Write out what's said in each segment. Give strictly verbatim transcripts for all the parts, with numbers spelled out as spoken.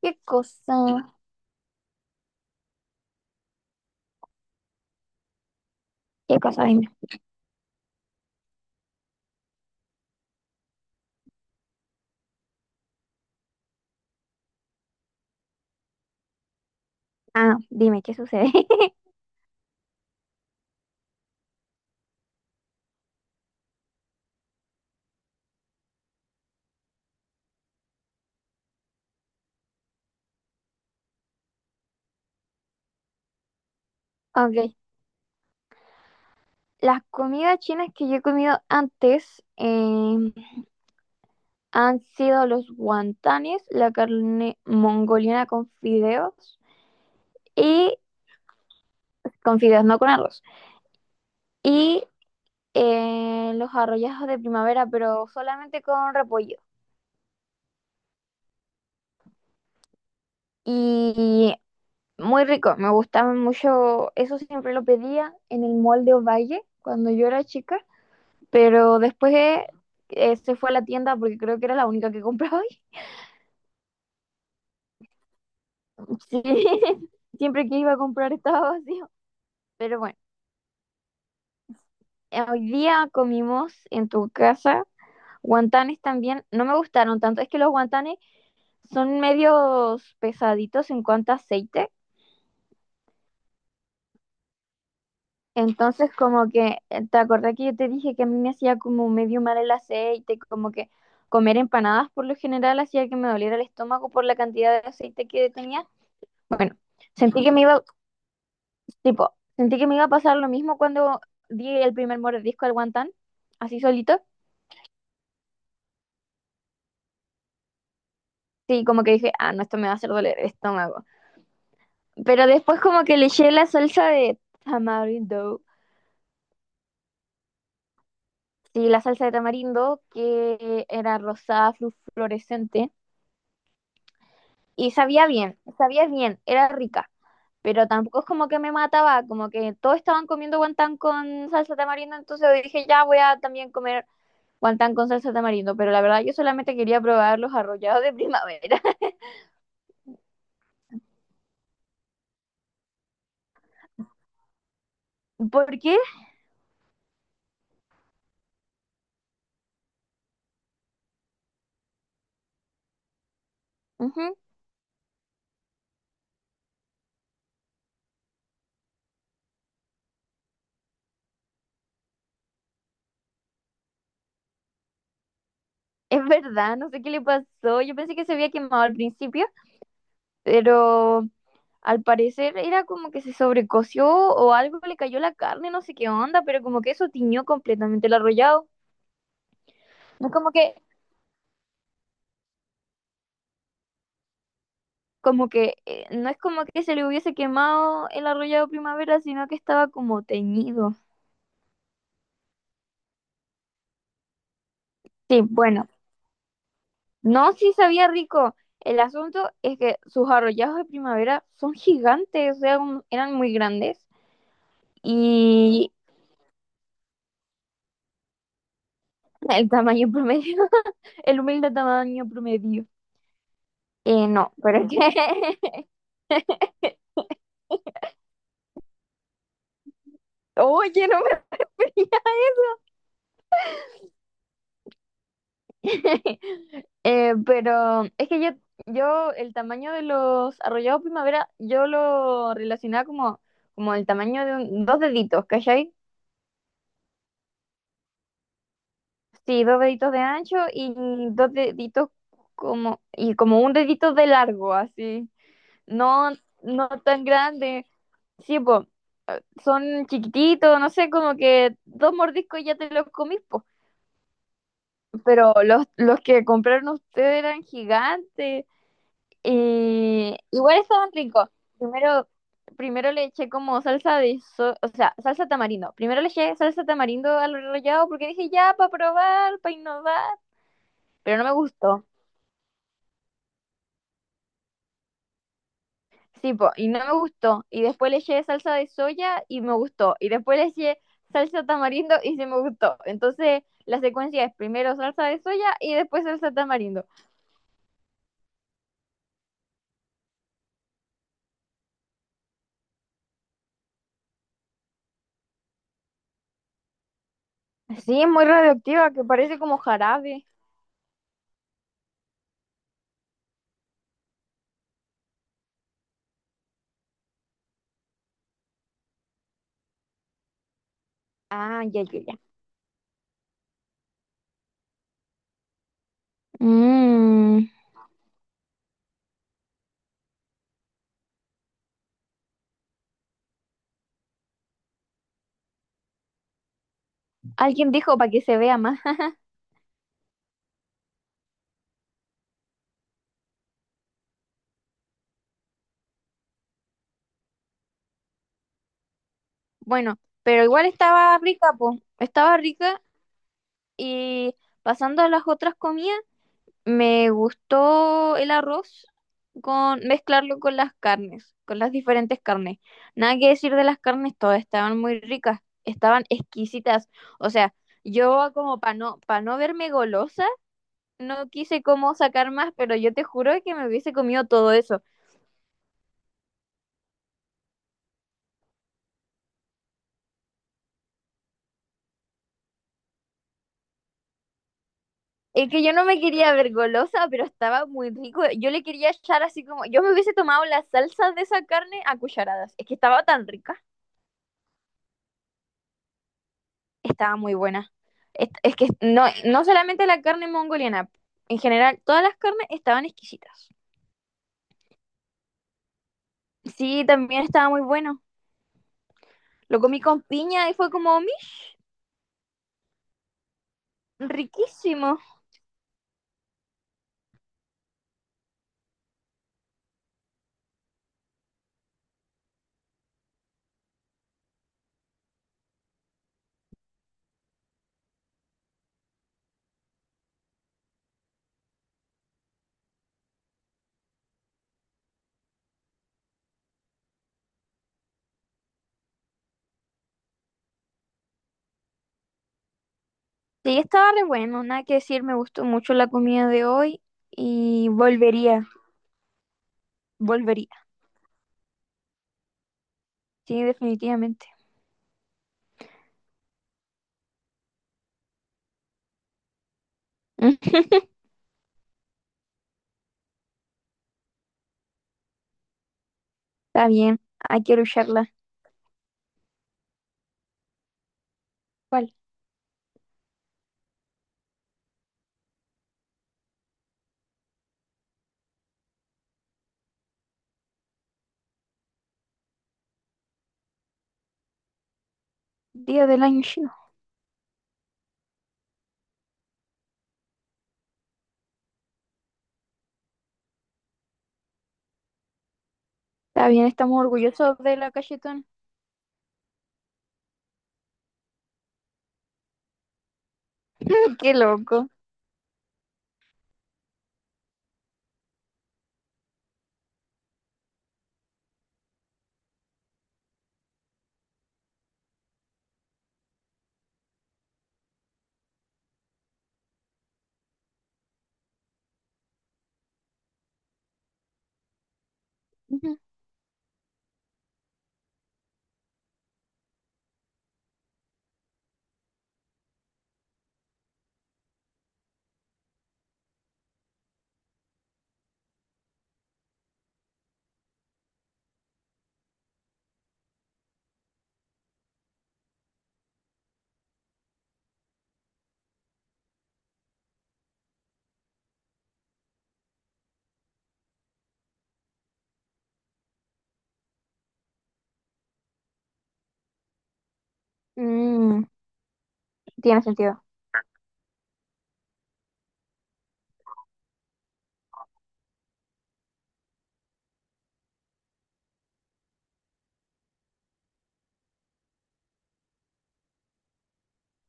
¿Qué cosa? ¿Qué cosa? Dime. Ah, no, dime, ¿qué sucede? Ok. Las comidas chinas que yo he comido antes eh, han sido los guantanes, la carne mongoliana con fideos y con fideos, no con arroz. Y eh, los arrollazos de primavera, pero solamente con repollo. Y muy rico, me gustaban mucho. Eso siempre lo pedía en el mall de Ovalle cuando yo era chica. Pero después eh, eh, se fue a la tienda porque creo que era la única que compraba ahí. Sí, siempre que iba a comprar estaba vacío. Pero bueno, eh, hoy día comimos en tu casa guantanes también. No me gustaron tanto. Es que los guantanes son medios pesaditos en cuanto a aceite. Entonces, como que, eh, ¿te acordás que yo te dije que a mí me hacía como medio mal el aceite? Como que comer empanadas por lo general hacía que me doliera el estómago por la cantidad de aceite que tenía. Bueno, sentí que me iba Tipo, sentí que me iba a pasar lo mismo cuando di el primer mordisco al guantán, así solito. Sí, como que dije, ah, no, esto me va a hacer doler el estómago. Pero después como que le eché la salsa de tamarindo. Sí, la salsa de tamarindo, que era rosada, flu- fluorescente. Y sabía bien, sabía bien, era rica. Pero tampoco es como que me mataba, como que todos estaban comiendo guantán con salsa de tamarindo, entonces dije, ya voy a también comer guantán con salsa de tamarindo, pero la verdad yo solamente quería probar los arrollados de primavera. ¿Por qué? Ujú. Es verdad, no sé qué le pasó. Yo pensé que se había quemado al principio, pero al parecer era como que se sobrecoció o algo le cayó la carne, no sé qué onda, pero como que eso tiñó completamente el arrollado. No es como que, como que, eh, no es como que se le hubiese quemado el arrollado primavera, sino que estaba como teñido. Sí, bueno, no, sí sabía rico. El asunto es que sus arrollados de primavera son gigantes, o sea, un- eran muy grandes. Y el tamaño promedio, el humilde tamaño promedio. Eh, no, pero es que... Oye, no me veía. Eh, pero es que yo, yo el tamaño de los arrollados primavera, yo lo relacionaba como, como el tamaño de un- dos deditos, ¿cachai? Sí, dos deditos de ancho y dos deditos como, y como un dedito de largo, así. No, no tan grande. Sí, po, eh, son chiquititos, no sé, como que dos mordiscos ya te los comís, po. Pero los, los que compraron ustedes eran gigantes. Y igual estaban ricos. Primero, primero le eché como salsa de, so- o sea, salsa tamarindo. Primero le eché salsa tamarindo al rallado porque dije, ya, para probar, para innovar. Pero no me gustó. Sí, po, y no me gustó. Y después le eché salsa de soya y me gustó. Y después le eché salsa tamarindo y sí me gustó. Entonces, la secuencia es primero salsa de soya y después salsa tamarindo. Sí, es muy radioactiva, que parece como jarabe. Ah, ya, ya, ya. Mm, alguien dijo para que se vea más. Bueno, pero igual estaba rica, po. Estaba rica y pasando a las otras comidas. Me gustó el arroz con mezclarlo con las carnes, con las diferentes carnes. Nada que decir de las carnes, todas estaban muy ricas, estaban exquisitas. O sea, yo como para no, para no verme golosa, no quise como sacar más, pero yo te juro que me hubiese comido todo eso. Es que yo no me quería ver golosa, pero estaba muy rico. Yo le quería echar así como, yo me hubiese tomado la salsa de esa carne a cucharadas. Es que estaba tan rica. Estaba muy buena. Es, es que no, no solamente la carne mongoliana, en general, todas las carnes estaban exquisitas. Sí, también estaba muy bueno. Lo comí con piña y fue como "Mish, riquísimo". Sí, estaba re bueno, nada que decir, me gustó mucho la comida de hoy y volvería, volvería. Sí, definitivamente. Mm. Está bien, hay que lucharla. ¿Cuál? Día del año chino. Está bien, estamos orgullosos de la cachetón. Qué loco. Ujú. Mm, tiene sentido.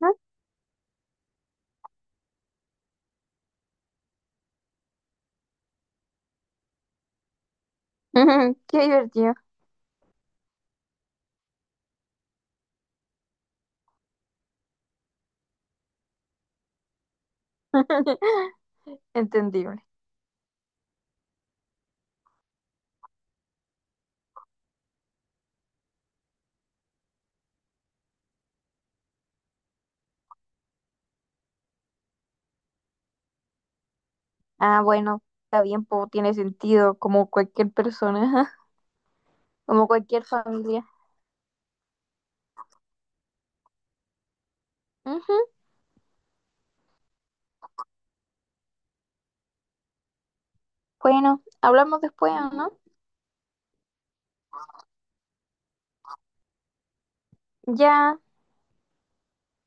¿No? Qué divertido. Entendible. Ah, bueno, está bien, po, tiene sentido, como cualquier persona, como cualquier familia. Ujú. Bueno, hablamos después, ¿no? Ya.